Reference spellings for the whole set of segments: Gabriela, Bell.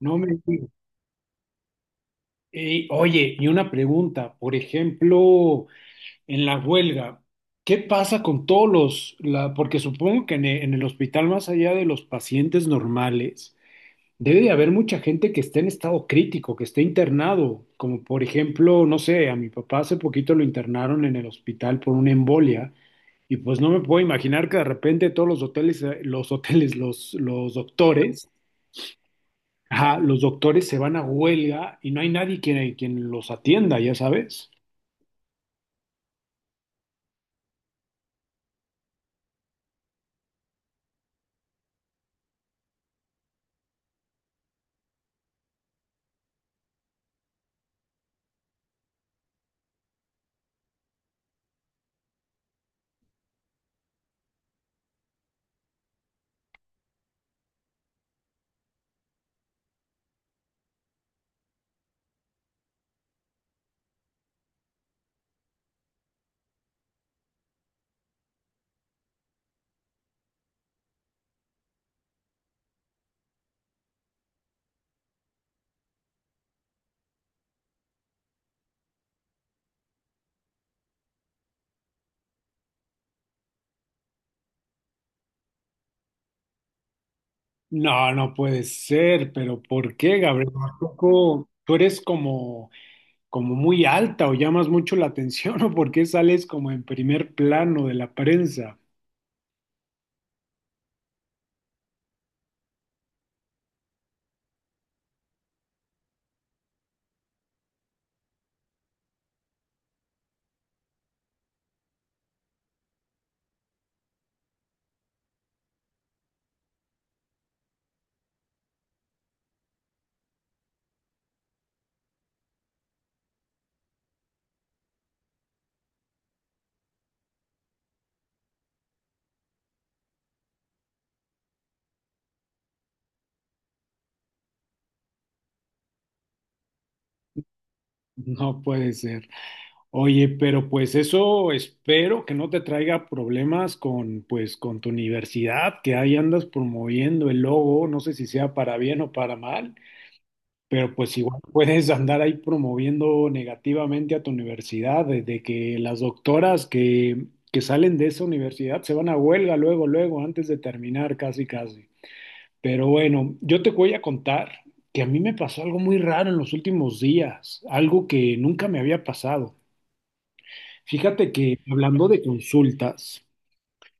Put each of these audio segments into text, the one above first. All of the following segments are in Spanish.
No me digas. Oye, y una pregunta, por ejemplo, en la huelga, ¿qué pasa con todos porque supongo que en el hospital, más allá de los pacientes normales, debe de haber mucha gente que esté en estado crítico, que esté internado, como por ejemplo, no sé, a mi papá hace poquito lo internaron en el hospital por una embolia, y pues no me puedo imaginar que de repente todos los hoteles, los hoteles, los doctores. Ajá, los doctores se van a huelga y no hay nadie quien los atienda, ya sabes. No, no puede ser, pero ¿por qué, Gabriel? ¿A poco tú eres como, como muy alta o llamas mucho la atención o por qué sales como en primer plano de la prensa? No puede ser. Oye, pero pues eso espero que no te traiga problemas con, pues, con tu universidad, que ahí andas promoviendo el logo, no sé si sea para bien o para mal. Pero pues igual puedes andar ahí promoviendo negativamente a tu universidad, desde que las doctoras que salen de esa universidad se van a huelga luego, luego, antes de terminar, casi, casi. Pero bueno, yo te voy a contar que a mí me pasó algo muy raro en los últimos días, algo que nunca me había pasado. Fíjate que hablando de consultas,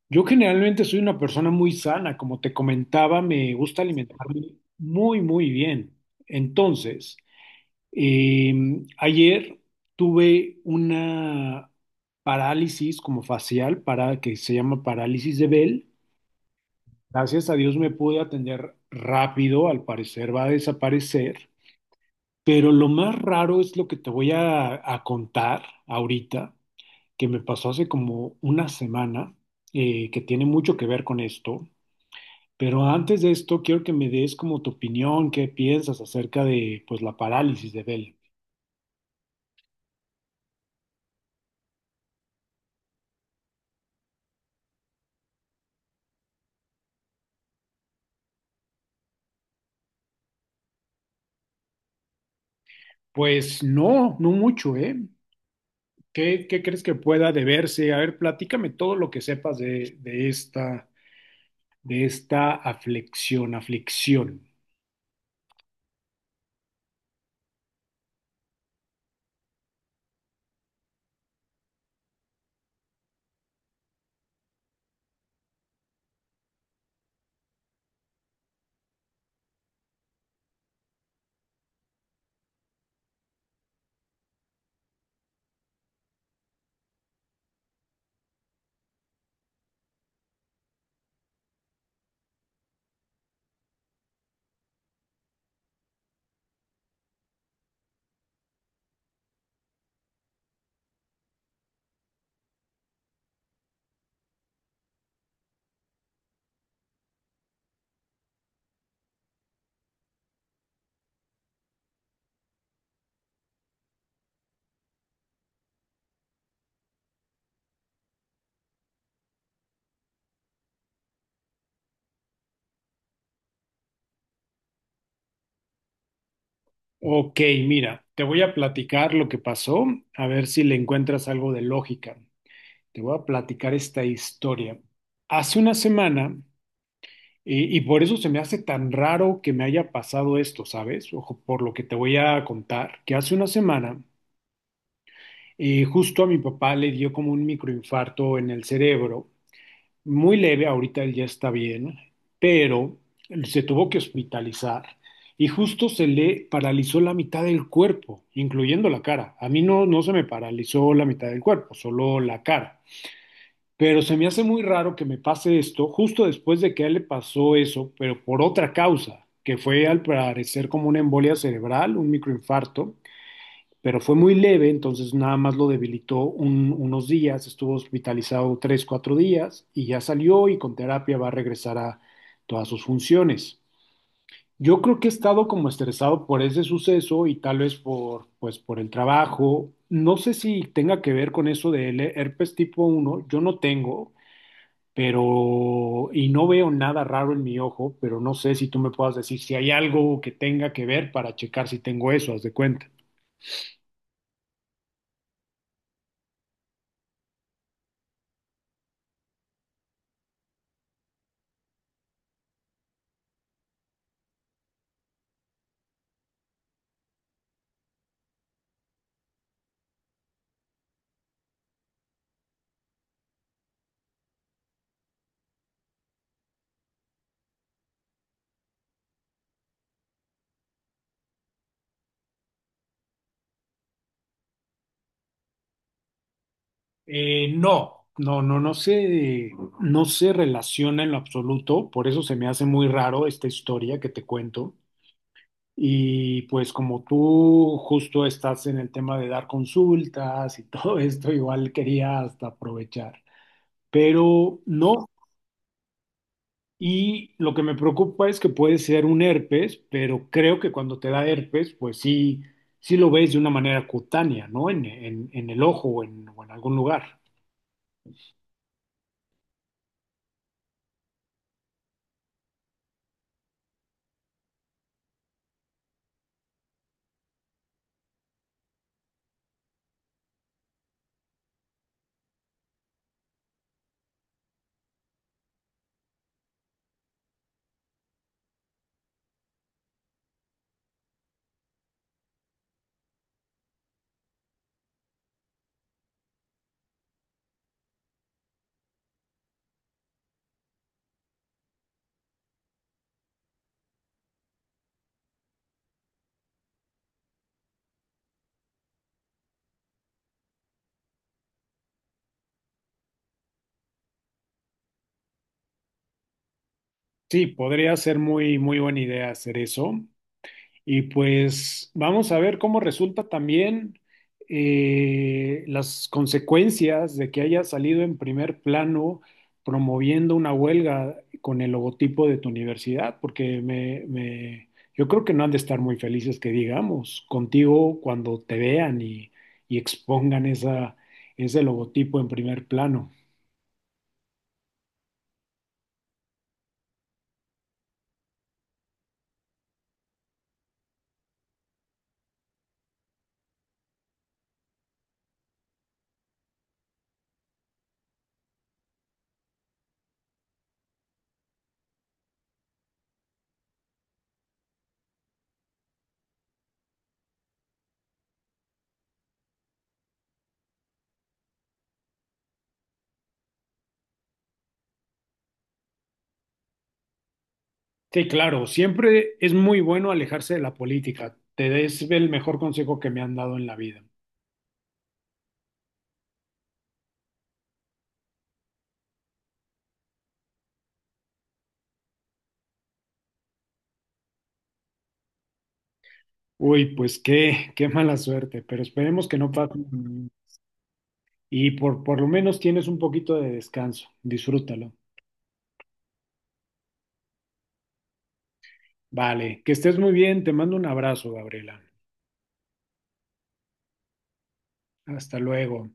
yo generalmente soy una persona muy sana, como te comentaba, me gusta alimentarme muy, muy bien. Entonces… Eh, ayer tuve una parálisis como facial para que se llama parálisis de Bell. Gracias a Dios me pude atender rápido, al parecer va a desaparecer, pero lo más raro es lo que te a contar ahorita, que me pasó hace como una semana, que tiene mucho que ver con esto. Pero antes de esto, quiero que me des como tu opinión, qué piensas acerca de pues la parálisis de Bell. Pues no, no mucho, ¿eh? ¿Qué, qué crees que pueda deberse? A ver, platícame todo lo que sepas de esta, aflicción. Ok, mira, te voy a platicar lo que pasó, a ver si le encuentras algo de lógica. Te voy a platicar esta historia. Hace una semana, y por eso se me hace tan raro que me haya pasado esto, ¿sabes? Ojo, por lo que te voy a contar, que hace una semana justo a mi papá le dio como un microinfarto en el cerebro, muy leve, ahorita él ya está bien, pero se tuvo que hospitalizar y justo se le paralizó la mitad del cuerpo, incluyendo la cara. A mí no, no se me paralizó la mitad del cuerpo, solo la cara. Pero se me hace muy raro que me pase esto justo después de que a él le pasó eso, pero por otra causa, que fue al parecer como una embolia cerebral, un microinfarto, pero fue muy leve, entonces nada más lo debilitó unos días, estuvo hospitalizado tres, cuatro días y ya salió y con terapia va a regresar a todas sus funciones. Yo creo que he estado como estresado por ese suceso y tal vez por, pues, por el trabajo. No sé si tenga que ver con eso del herpes tipo uno. Yo no tengo, pero y no veo nada raro en mi ojo, pero no sé si tú me puedas decir si hay algo que tenga que ver para checar si tengo eso, haz de cuenta. No, no se relaciona en lo absoluto, por eso se me hace muy raro esta historia que te cuento. Y pues como tú justo estás en el tema de dar consultas y todo esto, igual quería hasta aprovechar, pero no. Y lo que me preocupa es que puede ser un herpes, pero creo que cuando te da herpes, pues sí, sí lo ves de una manera cutánea, ¿no? En el ojo o en algún lugar. Sí, podría ser muy, muy buena idea hacer eso. Y pues vamos a ver cómo resulta también las consecuencias de que haya salido en primer plano promoviendo una huelga con el logotipo de tu universidad, porque yo creo que no han de estar muy felices que digamos contigo cuando te vean y expongan esa, ese logotipo en primer plano. Sí, claro, siempre es muy bueno alejarse de la política. Te es el mejor consejo que me han dado en la vida. Uy, pues qué, qué mala suerte, pero esperemos que no pase. Y por lo menos tienes un poquito de descanso, disfrútalo. Vale, que estés muy bien, te mando un abrazo, Gabriela. Hasta luego.